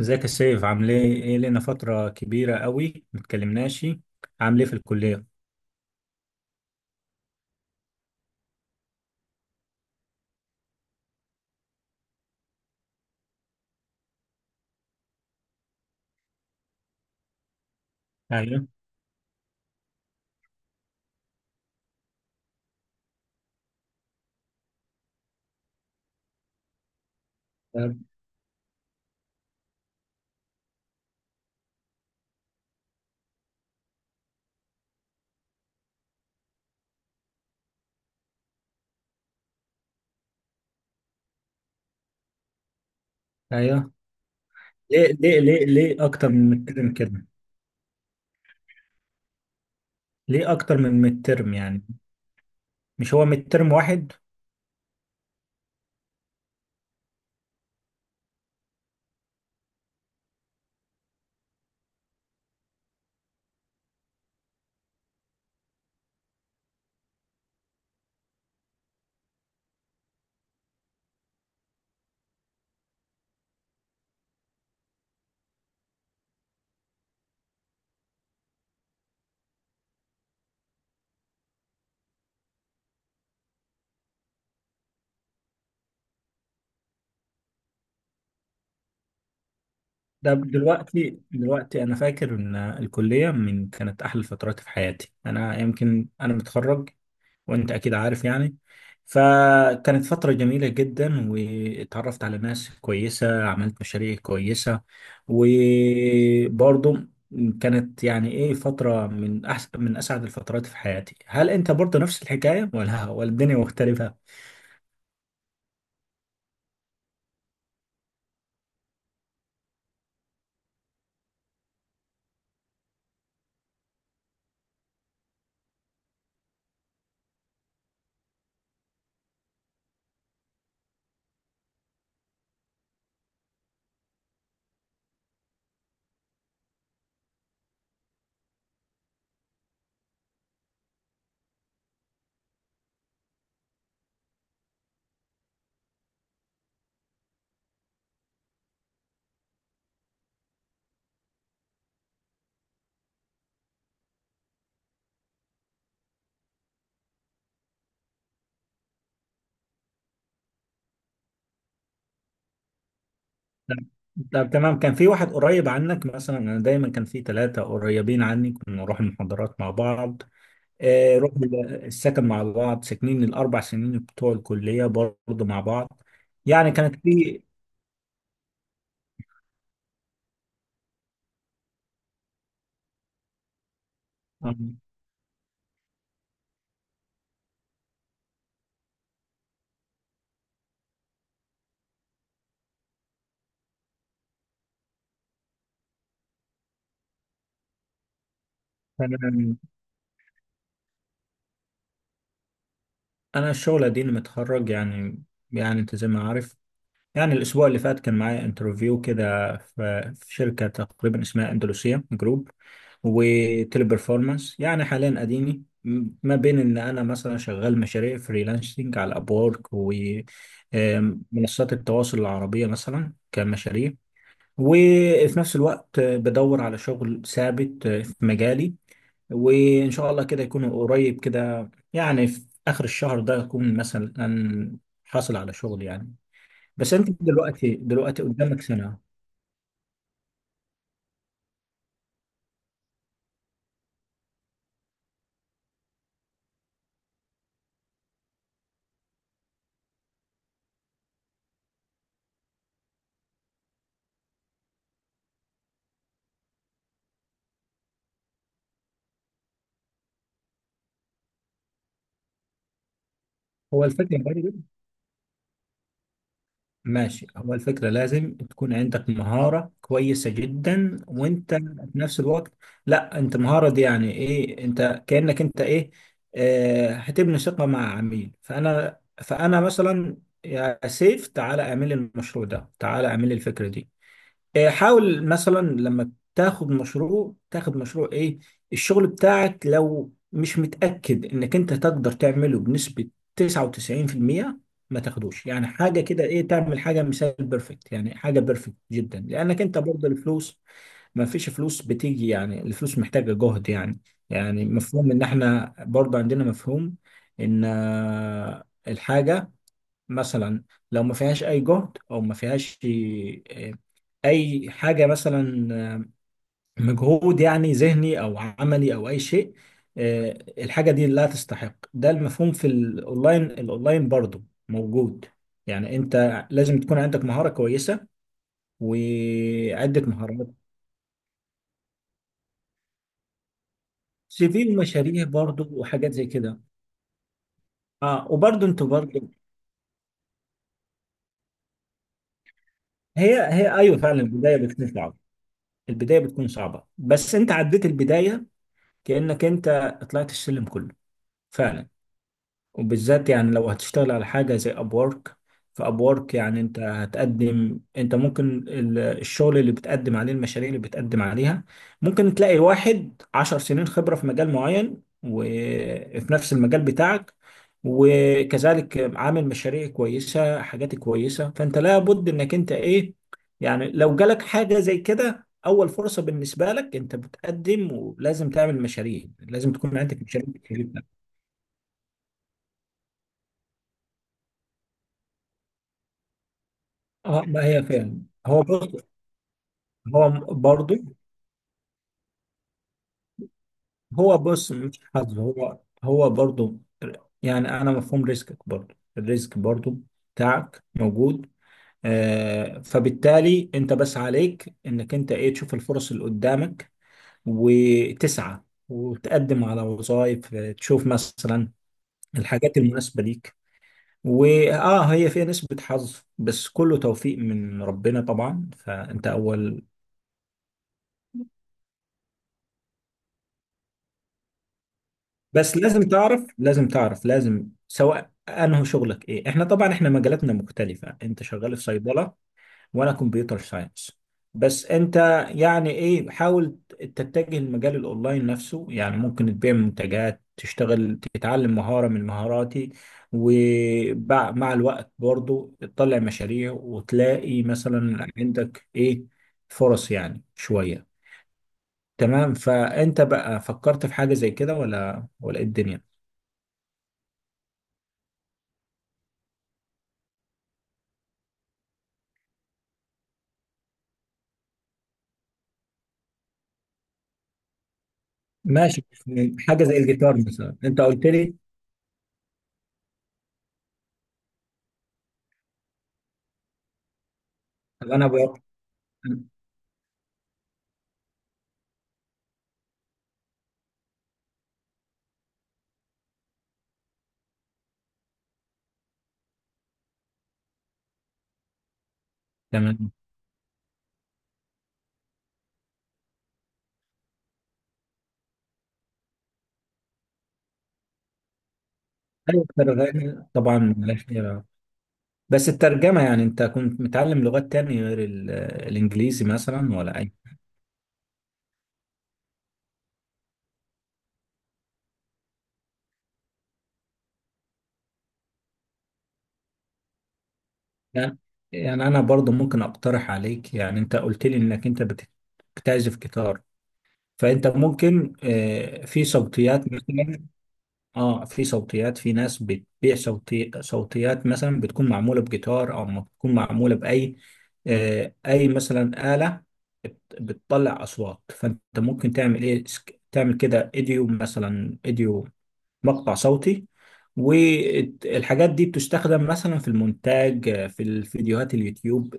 ازيك السيف؟ عامل ايه؟ ايه لنا فترة كبيرة قوي متكلمناش. عامل ايه في الكلية؟ ايوه. طب. ايوه. ليه اكتر من مترم كده؟ ليه اكتر من مترم يعني؟ مش هو مترم واحد؟ ده دلوقتي انا فاكر ان الكلية من كانت احلى الفترات في حياتي. انا يمكن انا متخرج وانت اكيد عارف يعني. فكانت فترة جميلة جدا، واتعرفت على ناس كويسة، عملت مشاريع كويسة، وبرضو كانت يعني ايه فترة من احسن، من اسعد الفترات في حياتي. هل انت برضو نفس الحكاية ولا ولا الدنيا مختلفة؟ لا. طب تمام. كان في واحد قريب عنك مثلا، انا دايما كان في ثلاثة قريبين عني. كنا نروح المحاضرات مع بعض. آه. رحنا السكن مع بعض، ساكنين الأربع سنين بتوع الكلية برضه مع بعض. يعني كانت في، آه، أنا أنا الشغل أديني متخرج يعني. يعني أنت زي ما عارف. يعني الأسبوع اللي فات كان معايا انترفيو كده في شركة تقريبا اسمها أندلسية جروب وتيلي بيرفورمانس. يعني حاليا أديني ما بين إن أنا مثلا شغال مشاريع فريلانسنج على أبورك ومنصات التواصل العربية مثلا كمشاريع. وفي نفس الوقت بدور على شغل ثابت في مجالي. وإن شاء الله كده يكون قريب، كده يعني في آخر الشهر ده أكون مثلا حاصل على شغل يعني. بس أنت دلوقتي قدامك سنة. هو الفكرة، ماشي. هو الفكرة لازم تكون عندك مهارة كويسة جدا، وانت في نفس الوقت، لا انت مهارة دي يعني ايه؟ انت كأنك انت ايه، اه، هتبني ثقة مع عميل. فانا مثلا يا سيف تعالى اعمل لي المشروع ده، تعالى اعمل لي الفكرة دي. حاول مثلا لما تاخد مشروع، تاخد مشروع ايه، الشغل بتاعك لو مش متأكد انك انت تقدر تعمله بنسبة 99%، ما تاخدوش. يعني حاجة كده، ايه، تعمل حاجة مثال بيرفكت، يعني حاجة بيرفكت جدا، لانك انت برضه الفلوس، ما فيش فلوس بتيجي يعني. الفلوس محتاجة جهد يعني. يعني مفهوم ان احنا برضه عندنا مفهوم ان الحاجة، مثلا لو ما فيهاش اي جهد، او ما فيهاش اي حاجه، مثلا آه، مجهود يعني، ذهني او عملي او اي شيء، الحاجه دي لا تستحق. ده المفهوم في الاونلاين برضو موجود. يعني انت لازم تكون عندك مهاره كويسه وعده مهارات. سي في ومشاريع برضو وحاجات زي كده. اه، وبرضو انت برضو هي ايوه فعلا. البدايه بتكون صعبه. البدايه بتكون صعبه بس انت عديت البدايه، كانك انت طلعت السلم كله فعلا. وبالذات يعني لو هتشتغل على حاجة زي أبورك، فأبورك يعني أنت هتقدم، أنت ممكن الشغل اللي بتقدم عليه، المشاريع اللي بتقدم عليها، ممكن تلاقي واحد 10 سنين خبرة في مجال معين وفي نفس المجال بتاعك، وكذلك عامل مشاريع كويسة، حاجات كويسة. فأنت لابد إنك أنت، إيه، يعني لو جالك حاجة زي كده أول فرصة بالنسبة لك، أنت بتقدم، ولازم تعمل مشاريع، لازم تكون عندك مشاريع. اه، ما هي فعلا. هو بص، هو برضه. هو بص، مش حظ. هو برضه، يعني انا مفهوم ريسكك. برضه الريسك برضه بتاعك موجود. آه، فبالتالي انت بس عليك انك انت ايه، تشوف الفرص اللي قدامك وتسعى، وتقدم على وظائف. تشوف مثلا الحاجات المناسبة ليك. واه، هي فيها نسبة حظ بس كله توفيق من ربنا طبعا. فانت اول، بس لازم سواء انه شغلك ايه، احنا طبعا احنا مجالاتنا مختلفة. انت شغال في صيدلة وانا كمبيوتر ساينس. بس انت يعني ايه، حاول تتجه لمجال الاونلاين نفسه. يعني ممكن تبيع منتجات، تشتغل، تتعلم مهارة من مهاراتي، ومع الوقت برضو تطلع مشاريع وتلاقي مثلا عندك ايه فرص يعني شوية. تمام. فانت بقى فكرت في حاجة زي كده ولا ايه الدنيا؟ ماشي. حاجة زي الجيتار مثلا انت قلت لي. طب انا بقى، تمام. ايوه الترجمة طبعا، لا خير. بس الترجمة، يعني انت كنت متعلم لغات تانية غير الانجليزي مثلا ولا اي؟ يعني، يعني انا برضو ممكن اقترح عليك، يعني انت قلت لي انك انت بتعزف جيتار، فانت ممكن في صوتيات مثلا. اه، في صوتيات. في ناس بتبيع صوتيات مثلا، بتكون معموله بجيتار او ما بتكون معموله باي اي مثلا آلة بتطلع اصوات. فانت ممكن تعمل ايه، تعمل كده ايديو مثلا، ايديو، مقطع صوتي. والحاجات دي بتستخدم مثلا في المونتاج، في الفيديوهات، اليوتيوب.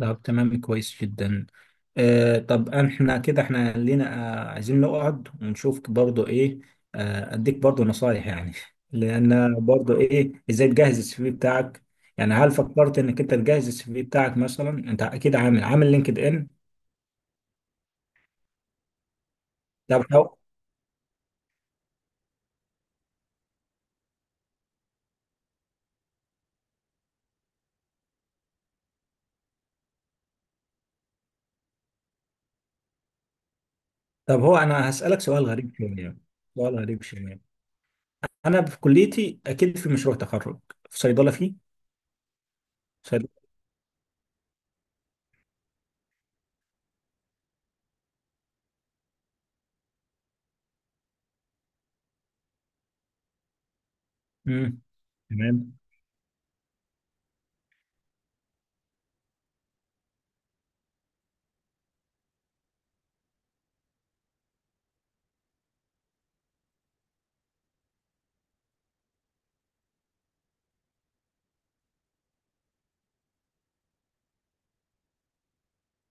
طب تمام، كويس جدا. طب احنا كده احنا لينا، عايزين نقعد ونشوف برضو ايه، اديك برضو نصايح يعني لان برضو ايه، ازاي تجهز السي في بتاعك يعني؟ هل فكرت انك انت تجهز السي في بتاعك؟ مثلا انت اكيد عامل لينكد ان. طب هو طب هو انا هسألك سؤال غريب شوية انا في كليتي اكيد في مشروع تخرج. في صيدلة فيه؟ صيدلة. امم. تمام.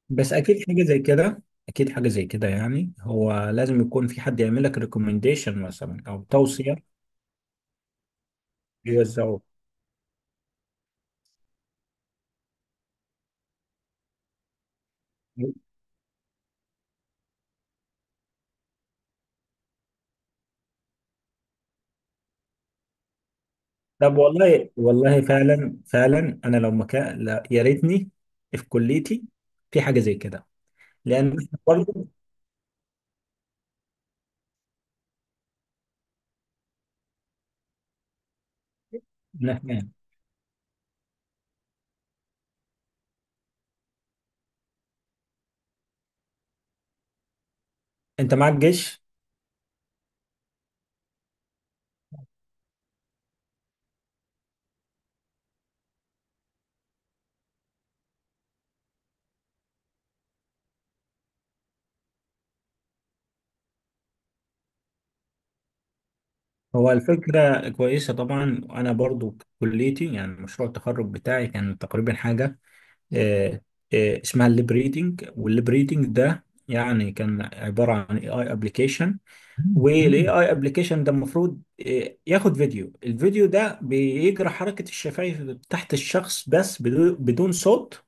بس اكيد حاجه زي كده يعني هو لازم يكون في حد يعمل لك ريكومنديشن مثلا او توصيه. يوزعوه؟ طب والله فعلا انا لو مكان، لا يا ريتني في كليتي في حاجه زي كده. لان إحنا برضه، إحنا- انت معاك جيش. هو الفكره كويسه طبعا. انا برضه كليتي، يعني مشروع التخرج بتاعي كان تقريبا حاجه، آه، اسمها الليب ريدنج. والليب ريدنج ده يعني كان عبارة عن اي اي ابلكيشن، والاي اي ابلكيشن ده المفروض ياخد فيديو، الفيديو ده بيجرى حركة الشفايف تحت الشخص بس بدون صوت،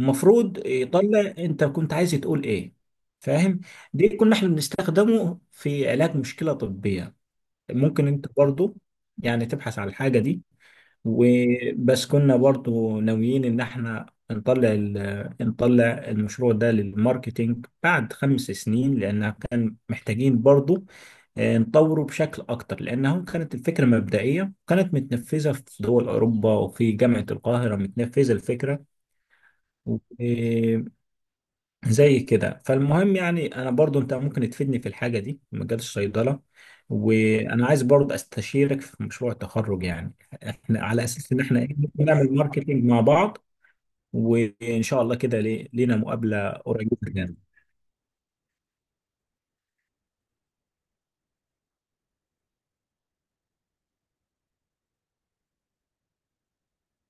المفروض يطلع انت كنت عايز تقول ايه. فاهم؟ دي كنا احنا بنستخدمه في علاج مشكلة طبية، ممكن انت برضو يعني تبحث على الحاجة دي. وبس كنا برضو ناويين ان احنا نطلع نطلع المشروع ده للماركتينج بعد 5 سنين، لان كان محتاجين برضو نطوره بشكل اكتر، لانها كانت الفكرة مبدئية، كانت متنفذة في دول اوروبا وفي جامعة القاهرة متنفذة الفكرة زي كده. فالمهم يعني انا برضو، انت ممكن تفيدني في الحاجه دي في مجال الصيدله، وانا عايز برضو استشيرك في مشروع التخرج يعني، احنا على اساس ان احنا إيه، نعمل ماركتينج مع بعض، وان شاء الله كده لينا مقابله قريبه.